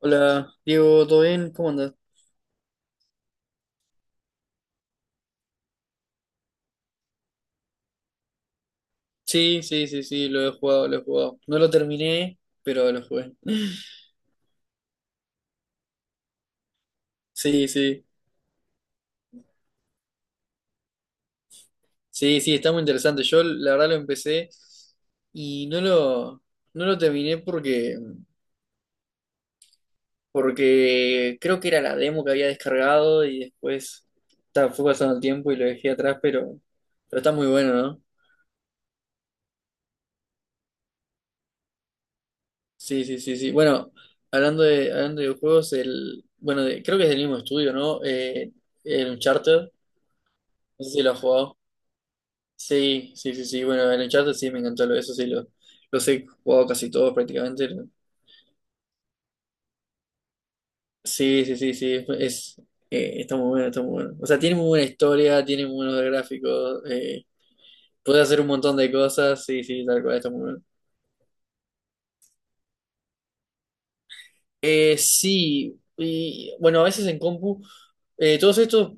Hola, Diego, ¿todo bien? ¿Cómo andas? Sí, sí, sí, sí, lo he jugado, lo he jugado. No lo terminé, pero lo jugué. Sí, sí, sí, sí, está muy interesante. Yo la verdad lo empecé y no lo terminé porque creo que era la demo que había descargado y después ta, fue pasando el tiempo y lo dejé atrás, pero está muy bueno, ¿no? Sí, sí, sí, sí. Bueno, hablando de videojuegos, creo que es del mismo estudio, ¿no? El Uncharted, no sé si lo has jugado. Sí, sí, sí, sí. Bueno, en el chat sí me encantó los he jugado casi todos prácticamente. Sí, sí, sí, sí. Está muy bueno, está muy bueno. O sea, tiene muy buena historia, tiene muy buenos gráficos, puede hacer un montón de cosas. Sí, sí, tal cual, está muy bueno. Sí, y bueno, a veces en compu. eh, todos estos,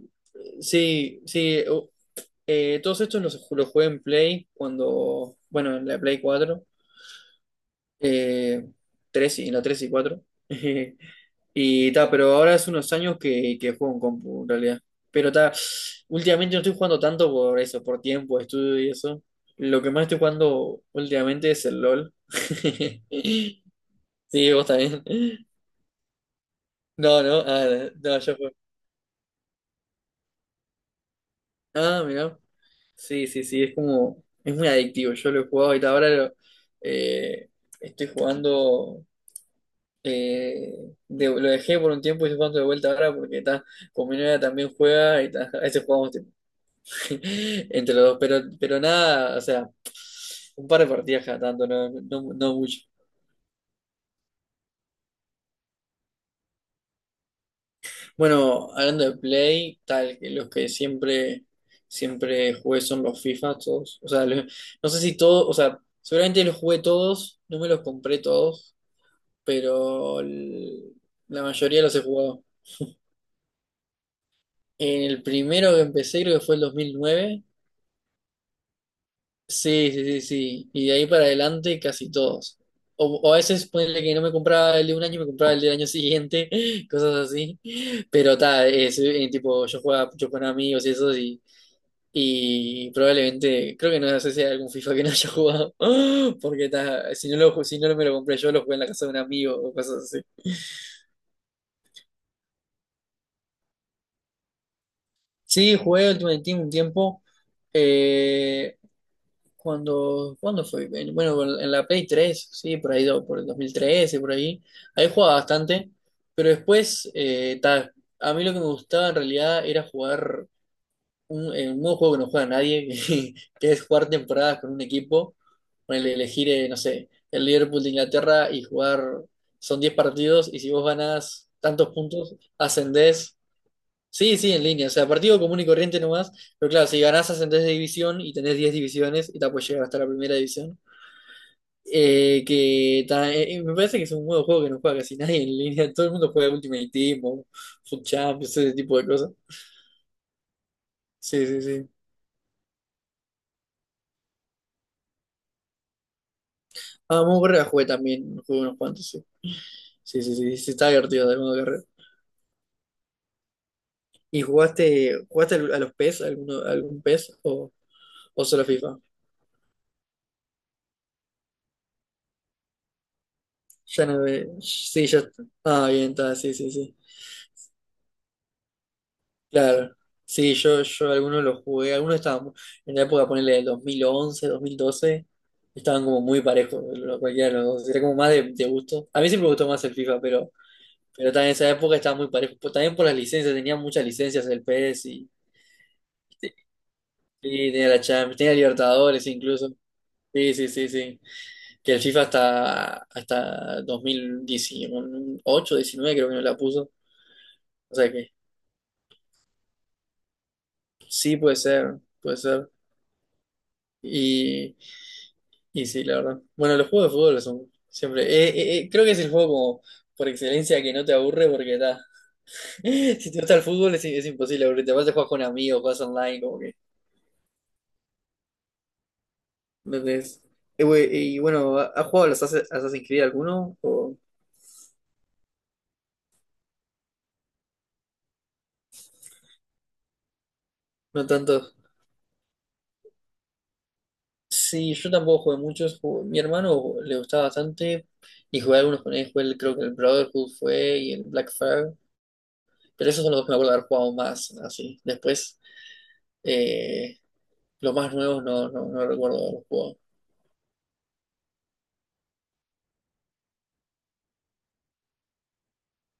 sí, sí, o- todos estos los, ju- los jugué en Play cuando, bueno, en la Play cuatro, eh, 3 y en la 3 y cuatro. Y ta, pero ahora hace unos años que juego en compu, en realidad. Pero ta, últimamente no estoy jugando tanto por eso, por tiempo, estudio y eso. Lo que más estoy jugando últimamente es el LOL. Sí, vos también. No, no, no, yo juego. Ah, mira. Sí, sí, sí, es como, es muy adictivo. Yo lo he jugado y ta, eh, estoy jugando, eh, lo dejé por un tiempo y estoy jugando de vuelta ahora porque ta, con mi novia también juega y ta, a veces jugamos entre los dos, pero nada, o sea, un par de partidas cada tanto, no, no, no mucho. Bueno, hablando de Play, tal, que los que siempre jugué son los FIFA, todos. O sea, no sé si todos, o sea, seguramente los jugué todos, no me los compré todos, pero el- la mayoría los he jugado. En el primero que empecé creo que fue el 2009. Sí, sí, sí, sí. Y de ahí para adelante casi todos. O a veces ponele que no me compraba el de un año, me compraba el del año siguiente, cosas así. Pero tal, es tipo, yo jugaba mucho con amigos y eso, y probablemente, creo que no sé si hay algún FIFA que no haya jugado, porque ta, si no me lo compré yo, lo jugué en la casa de un amigo o cosas así. Sí, jugué Ultimate Team un tiempo, eh, ¿cuándo fue? Bueno, en la Play 3 sí, por ahí, por el 2013, por ahí. Ahí jugaba bastante, pero después, a mí lo que me gustaba en realidad era jugar un nuevo juego que no juega nadie, que es jugar temporadas con un equipo. Ponele, elegir, no sé, el Liverpool de Inglaterra y jugar, son 10 partidos, y si vos ganás tantos puntos, ascendés. Sí, sí, en línea. O sea, partido común y corriente nomás. Pero claro, si ganás ascendés de división y tenés 10 divisiones y te puedes llegar hasta la primera división. Me parece que es un nuevo juego que no juega casi nadie en línea. Todo el mundo juega Ultimate Team o Foot Champions, ese tipo de cosas. Sí, sí, sí. Ah, Modo Carrera jugué también. Jugué unos cuantos, sí. Sí, sí, sí. Sí, está divertido el modo carrera. ¿Y jugaste a los PES? Algún PES? O solo FIFA? Ya no ve- Sí, ya. Ah, bien, está. Sí, sí, sí. Claro, sí, yo algunos los jugué, algunos estaban en la época, ponerle del 2011, 2012 estaban como muy parejos, cualquiera de los dos, era como más de gusto. A mí siempre me gustó más el FIFA, pero también en esa época estaba muy parejo, también por las licencias, tenía muchas licencias el PS y sí, tenía la Champions, tenía Libertadores incluso. Sí, sí, sí, sí, que el FIFA hasta 2018, 19, creo que no la puso, o sea que sí puede ser, puede ser. Y sí, la verdad. Bueno, los juegos de fútbol son siempre. Creo que es el juego como por excelencia que no te aburre porque está. Si te gusta el fútbol es imposible aburrirte. Aparte, juegas con amigos, juegas online, como que. Entonces güey, y bueno, has jugado a los Assassin's Creed alguno? ¿O no tanto? Sí, yo tampoco jugué muchos. Mi hermano le gustaba bastante y jugué algunos con él. Jugué creo que el Brotherhood fue, y el Black Flag. Pero esos son los dos que me acuerdo de haber jugado más, así. Después, eh, los más nuevos no recuerdo los juegos.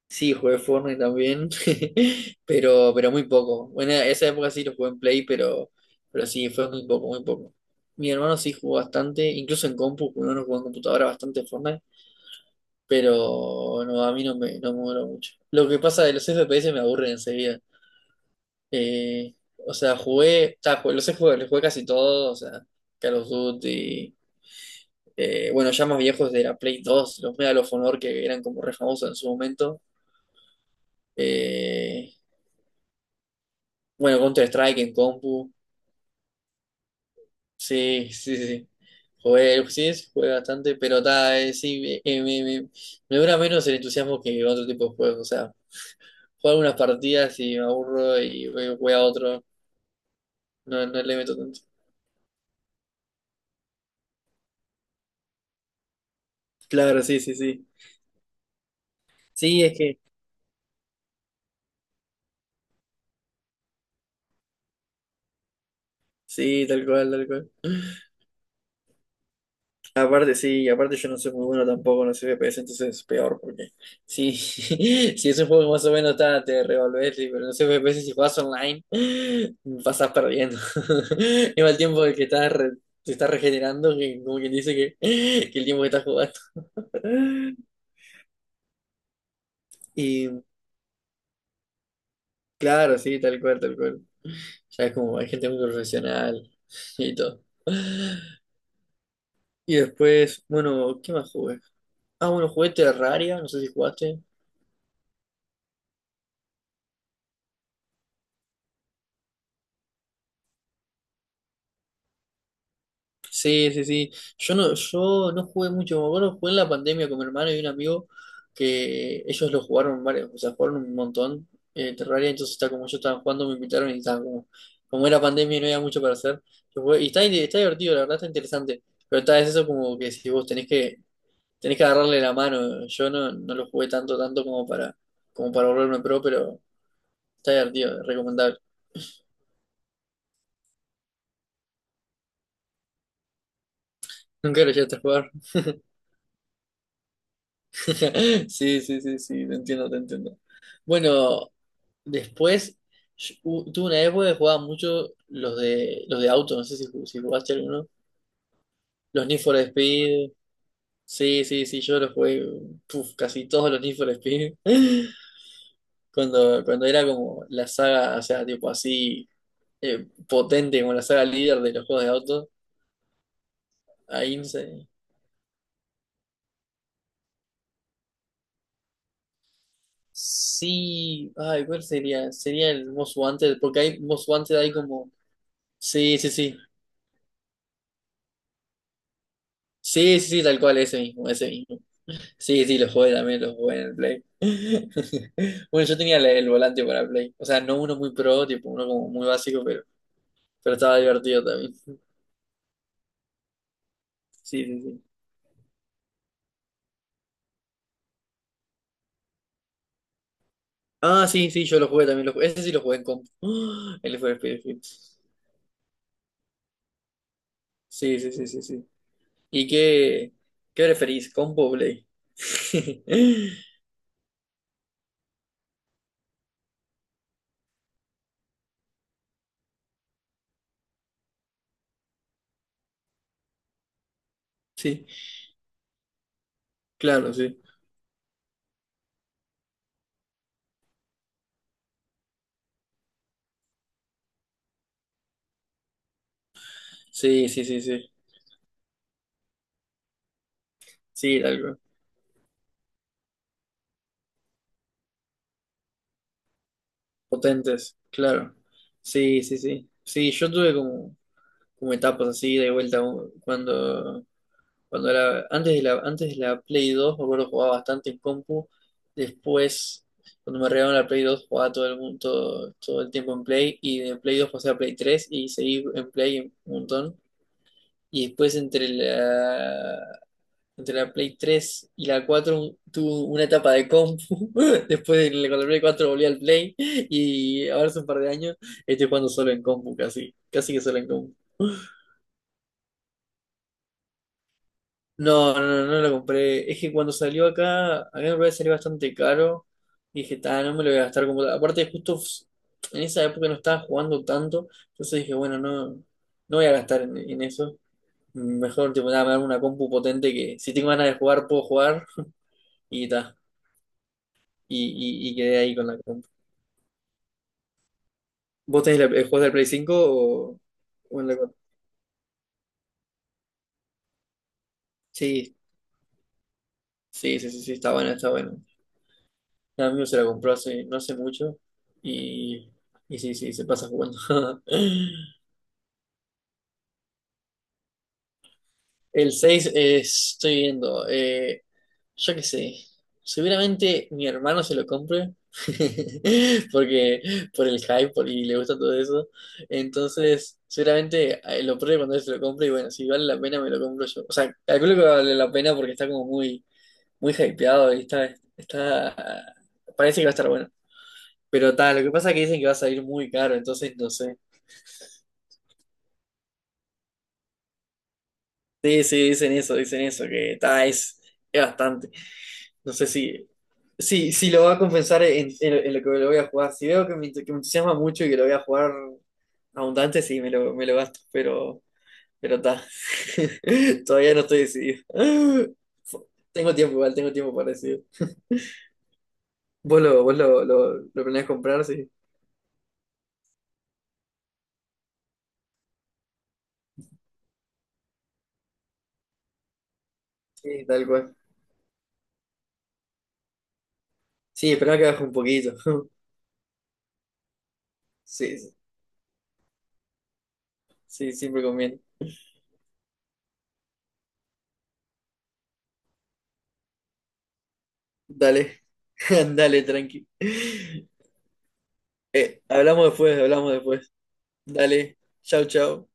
Sí, jugué Fortnite también, pero muy poco. Bueno, esa época sí lo jugué en Play, pero sí, fue muy poco, muy poco. Mi hermano sí jugó bastante, incluso en compu, porque uno jugó en computadora bastante Fortnite, pero no, a mí no me duró mucho. Lo que pasa, de los FPS, me aburren enseguida. Eh, o sea, los he jugado, los jugué casi todos, o sea, Call of Duty, bueno, ya más viejos de la Play 2, los Medal of Honor que eran como re famosos en su momento. eh, Bueno, Counter-Strike en compu. Sí, sí, sí. Sí. Jugué, sí, sí, jugué bastante, pero ta, me dura menos el entusiasmo que otro tipo de juegos. O sea, juego algunas partidas y me aburro y voy a otro. No, no le meto tanto. Claro, sí, sí, sí. Sí, es que. Sí, tal cual, tal cual. Aparte, sí, aparte yo no soy muy bueno tampoco, no soy FPS, entonces es peor, porque sí, si es un juego que más o menos está, te revolves, sí, pero no soy FPS, si jugás online, pasás perdiendo. Es el tiempo que estás te estás regenerando, que como quien dice que, que el tiempo que estás jugando. Y claro, sí, tal cual, tal cual. Ya es como, hay gente muy profesional y todo. Y después, bueno, ¿qué más jugué? Ah, bueno, jugué Terraria, no sé si jugaste. Sí, sí, sí. Yo no jugué mucho. Me acuerdo, jugué en la pandemia con mi hermano y un amigo que ellos lo jugaron varios, o sea, jugaron un montón, Terraria. Entonces, está como yo estaba jugando, me invitaron y estaba como, como era pandemia y no había mucho para hacer. Yo jugué- y está, está divertido, la verdad está interesante. Pero está, es eso como que si vos tenés que agarrarle la mano. Yo no lo jugué tanto, tanto como para volverme pro, pero está divertido, es recomendable. Nunca lo llegaste a jugar. Sí, sí, sí, sí, te entiendo, te entiendo. Bueno. Después, yo- tuve una época que jugaba mucho los de auto, no sé si jugaste alguno. Los Need for Speed. Sí, sí, sí, yo los jugué, puf, casi todos los Need for Speed. Cuando era como la saga, o sea, tipo así, potente, como la saga líder de los juegos de auto. Ahí no sé. Sí, ay, ¿cuál sería? Sería el Most Wanted, porque hay Most Wanted, hay como. Sí, sí, sí. Sí, sí, sí, tal cual, ese mismo, ese mismo. Sí, sí, los jugué también, los jugué en el Play. Bueno, yo tenía el volante para Play. O sea, no uno muy pro, tipo uno como muy básico, pero estaba divertido también. Sí, sí, sí. Ah, sí, sí, yo lo jugué también. Lo jugué. Ese sí lo jugué en comp. El fue Battlefield. Sí, sí, sí, sí, sí. ¿Y qué preferís, compo o Play? Sí, claro, sí. Sí, sí, sí, sí. Sí, algo. Potentes, claro. Sí, sí, sí. Sí, yo tuve como etapas así de vuelta, cuando era antes de la Play dos, me acuerdo, jugaba bastante en compu. Después, cuando me regalaron la Play dos, jugaba todo el mundo, todo el tiempo en Play, y de Play 2 pasé a Play tres, y seguí en Play un montón, y después entre la Play 3 y la 4 tuve una etapa de compu. Después de la, con la Play 4 volví al Play, y ahora hace un par de años estoy jugando solo en compu, casi casi que solo en compu. No, no, no lo compré. Es que cuando salió acá, a mí me parece salir bastante caro. Y dije, ah, no me lo voy a gastar como tal. Aparte, justo en esa época no estaba jugando tanto. Entonces dije, bueno, no, no voy a gastar en eso. Mejor, tipo, nada, me hago una compu potente, que si tengo ganas de jugar, puedo jugar. Y ta. Y, y quedé ahí con la compu. ¿Vos tenés el juego del Play 5 o en la compu? Sí, sí, sí, sí, sí, está bueno, está bueno. Un amigo se la compró hace, no hace mucho, y, y sí, sí, se pasa jugando. El 6 estoy viendo, yo qué sé, seguramente mi hermano se lo compre porque por el hype y le gusta todo eso. Entonces, seguramente, lo pruebe cuando él se lo compre, y bueno, si vale la pena me lo compro yo. O sea, calculo que vale la pena porque está como muy, muy hypeado, y está, parece que va a estar bueno. Pero tal, lo que pasa es que dicen que va a salir muy caro, entonces no sé. Sí, sí, dicen eso, que ta, es bastante. No sé si lo va a compensar en lo que lo voy a jugar. Si veo que me entusiasma mucho y que lo voy a jugar abundante, sí, me lo gasto, pero ta. Todavía no estoy decidido. Tengo tiempo igual, tengo tiempo para decidir. ¿Vos lo planeás comprar? Sí, sí, tal cual. Sí, esperá que baje un poquito. Sí, sí, sí, siempre conviene. Dale. Dale, tranqui. Hablamos después, hablamos después. Dale, chau, chau.